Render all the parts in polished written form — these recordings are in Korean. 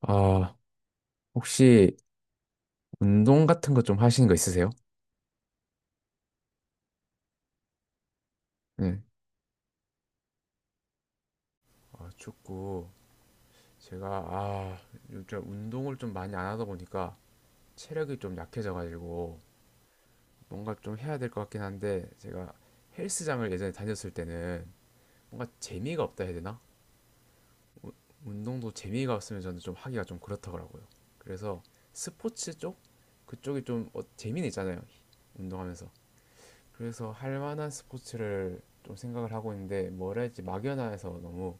아, 혹시 운동 같은 거 좀 하시는 거 있으세요? 네. 아, 축구. 제가, 아, 요즘 운동을 좀 많이 안 하다 보니까 체력이 좀 약해져가지고 뭔가 좀 해야 될 것 같긴 한데 제가 헬스장을 예전에 다녔을 때는 뭔가 재미가 없다 해야 되나? 운동도 재미가 없으면 저는 좀 하기가 좀 그렇더라고요. 그래서 스포츠 쪽? 그쪽이 좀 재미는 있잖아요. 운동하면서. 그래서 할 만한 스포츠를 좀 생각을 하고 있는데 뭐라 할지 막연해서 너무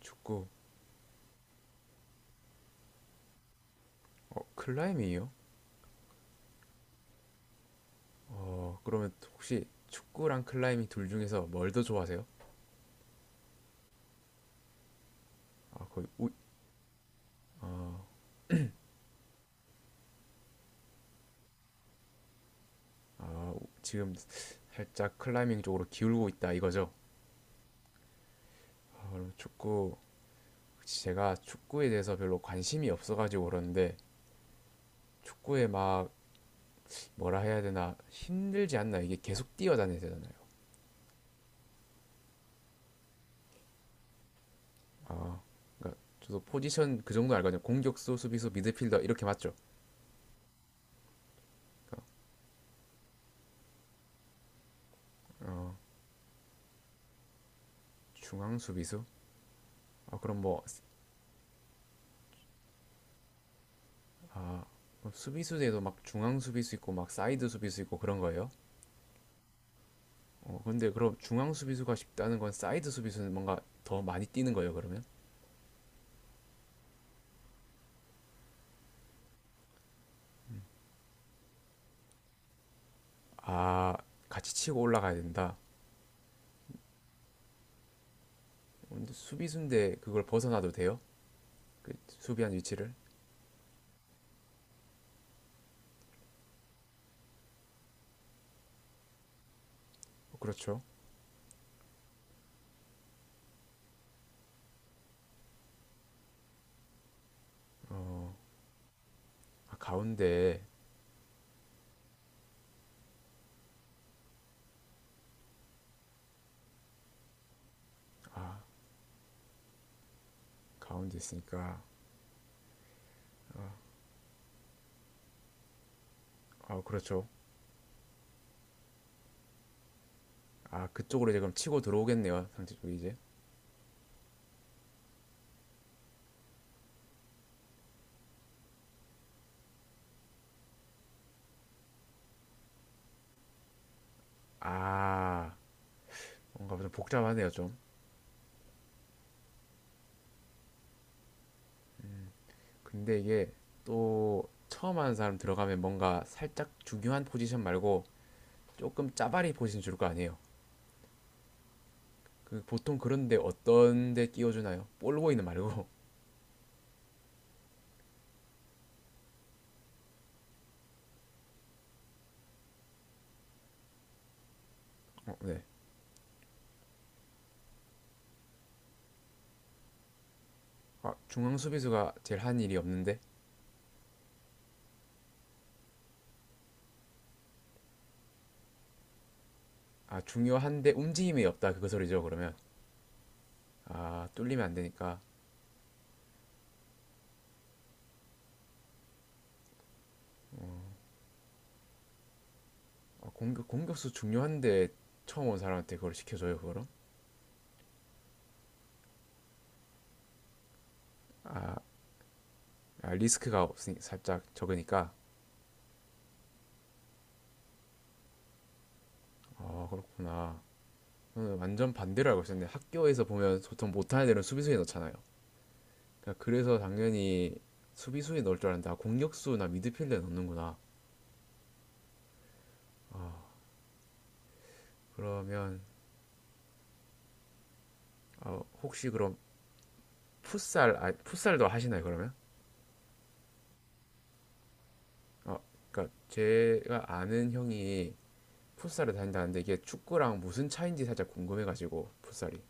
축구, 어, 클라이밍이요? 어, 그러면 혹시 축구랑 클라이밍 둘 중에서 뭘 더 좋아하세요? 아, 거의 우, 지금 살짝 클라이밍 쪽으로 기울고 있다 이거죠? 아, 그럼 축구, 제가 축구에 대해서 별로 관심이 없어가지고 그러는데 축구에 막 뭐라 해야 되나 힘들지 않나 이게 계속 뛰어다녀야 되잖아요. 저도 포지션 그 정도 알거든요. 공격수, 수비수, 미드필더 이렇게 맞죠? 중앙 수비수? 아, 그럼 뭐 아, 수비수에도 막 중앙 수비수 있고 막 사이드 수비수 있고 그런 거예요? 어, 근데 그럼 중앙 수비수가 쉽다는 건 사이드 수비수는 뭔가 더 많이 뛰는 거예요, 그러면? 아, 같이 치고 올라가야 된다. 근데 수비수인데 그걸 벗어나도 돼요? 그 수비한 위치를? 어, 그렇죠. 아, 가운데, 가운데 있으니까. 아, 그렇죠. 아, 그쪽으로 이제 그럼 치고 들어오겠네요, 상대 쪽이 이제. 아, 뭔가 좀 복잡하네요, 좀. 근데 이게 또 처음 하는 사람 들어가면 뭔가 살짝 중요한 포지션 말고 조금 짜바리 포지션 줄 거 아니에요. 그 보통 그런데 어떤 데 끼워주나요? 볼보이는 말고. 어, 네. 아, 중앙 수비수가 제일 한 일이 없는데? 아, 중요한데 움직임이 없다. 그거 소리죠, 그러면. 아, 뚫리면 안 되니까. 아, 공격, 공격수 중요한데 처음 온 사람한테 그걸 시켜줘요, 그거를? 아, 리스크가 없으니 살짝 적으니까. 아, 그렇구나. 저는 완전 반대로 알고 있었는데 학교에서 보면 보통 못하는 애들은 수비수에 넣잖아요. 그러니까 그래서 당연히 수비수에 넣을 줄 알았는데 아, 공격수나 미드필더에 넣는구나. 그러면 어, 혹시 그럼 풋살 아, 풋살도 하시나요 그러면? 어, 그러니까 제가 아는 형이 풋살을 다닌다는데 이게 축구랑 무슨 차인지 살짝 궁금해가지고 풋살이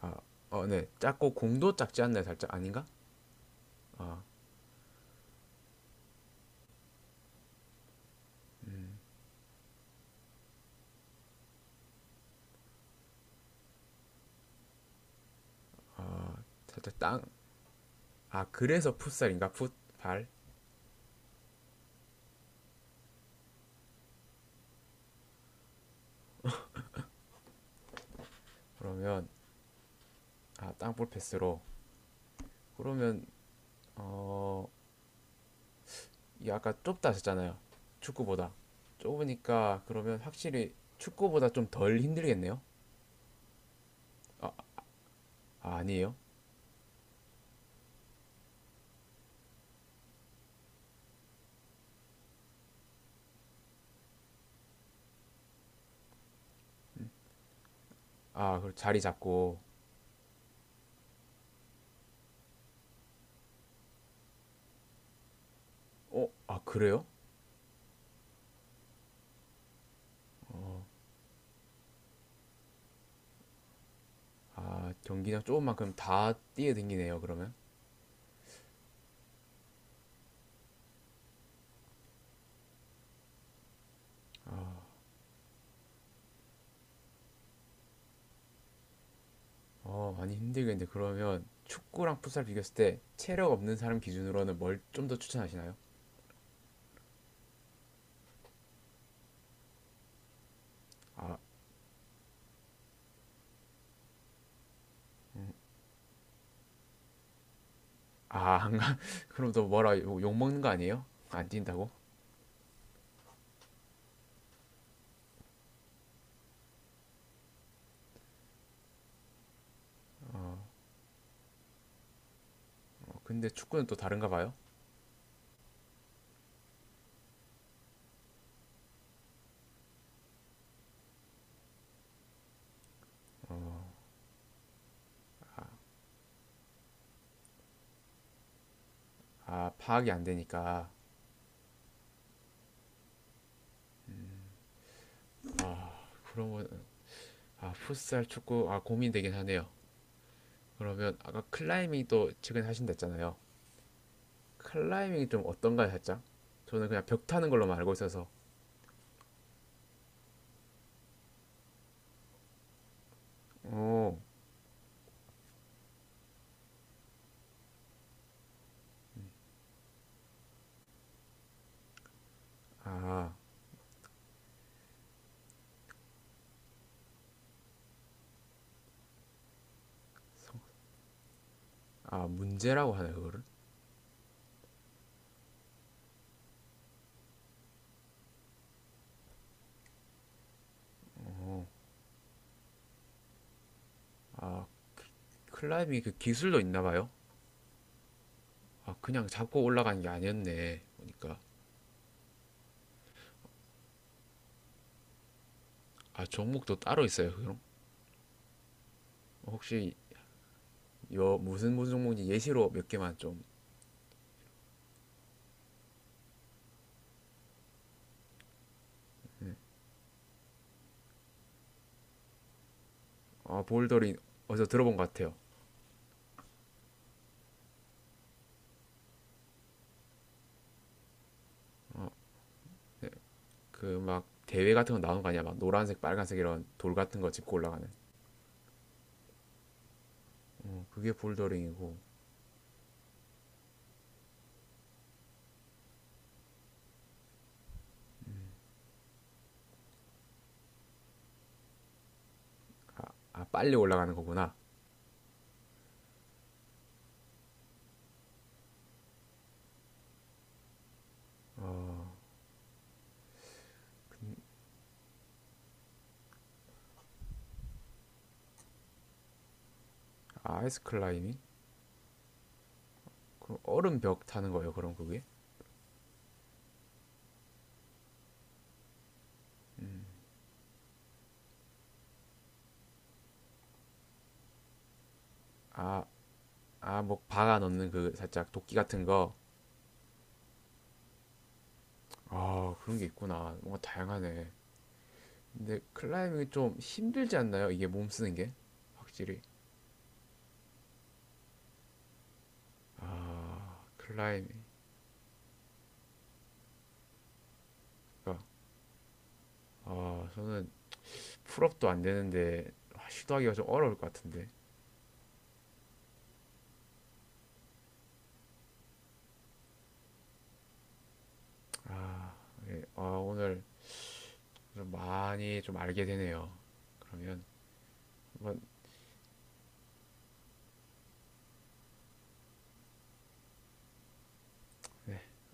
아, 어, 네 작고 공도 작지 않나요 살짝 아닌가? 살짝 땅 아 그래서 풋살인가 풋발 그러면 아 땅볼 패스로 그러면 어, 이 아까 좁다 하셨잖아요. 축구보다. 좁으니까 그러면 확실히 축구보다 좀 덜 힘들겠네요. 아, 아니에요? 아, 그럼 자리 잡고. 어, 아, 그래요? 아, 경기장 좁은 만큼 다 뛰어댕기네요, 그러면. 어, 많이 힘들겠는데 그러면 축구랑 풋살 비교했을 때 체력 없는 사람 기준으로는 뭘 좀 더 추천하시나요? 아, 아, 안 가. 그럼 또 뭐라 욕, 먹는 거 아니에요? 안 뛴다고? 어, 근데 축구는 또 다른가 봐요. 아, 파악이 안 되니까. 그러면 아, 풋살, 축구, 아, 고민되긴 하네요. 그러면 아까 클라이밍도 최근에 하신다 했잖아요. 클라이밍이 좀 어떤가요, 살짝? 저는 그냥 벽 타는 걸로만 알고 있어서. 어, 아, 아, 문제라고 하나요, 그거를? 클라이밍이 그 기술도 있나 봐요? 아, 그냥 잡고 올라가는 게 아니었네. 보니까. 아, 종목도 따로 있어요, 그럼? 혹시 요 무슨 무슨 종목인지 예시로 몇 개만 좀. 아, 볼더링 어디서 들어본 것 같아요. 그 막 대회 같은 거 나오는 거 아니야? 막 노란색, 빨간색 이런 돌 같은 거 짚고 올라가는. 어, 그게 볼더링이고 아 빨리 올라가는 거구나 아 아이스 클라이밍 그럼 얼음 벽 타는 거예요 그럼 그게 아아뭐 박아 넣는 그 살짝 도끼 같은 거아 그런 게 있구나 뭔가 다양하네 근데 클라이밍이 좀 힘들지 않나요 이게 몸 쓰는 게 확실히 아 클라이밍 그러니까 아 저는 풀업도 안 되는데 아, 시도하기가 좀 어려울 것 같은데 아, 예. 아 오늘 좀 많이 좀 알게 되네요 그러면 한번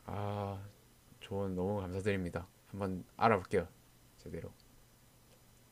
아 조언 너무 감사드립니다. 한번 알아볼게요. 제대로.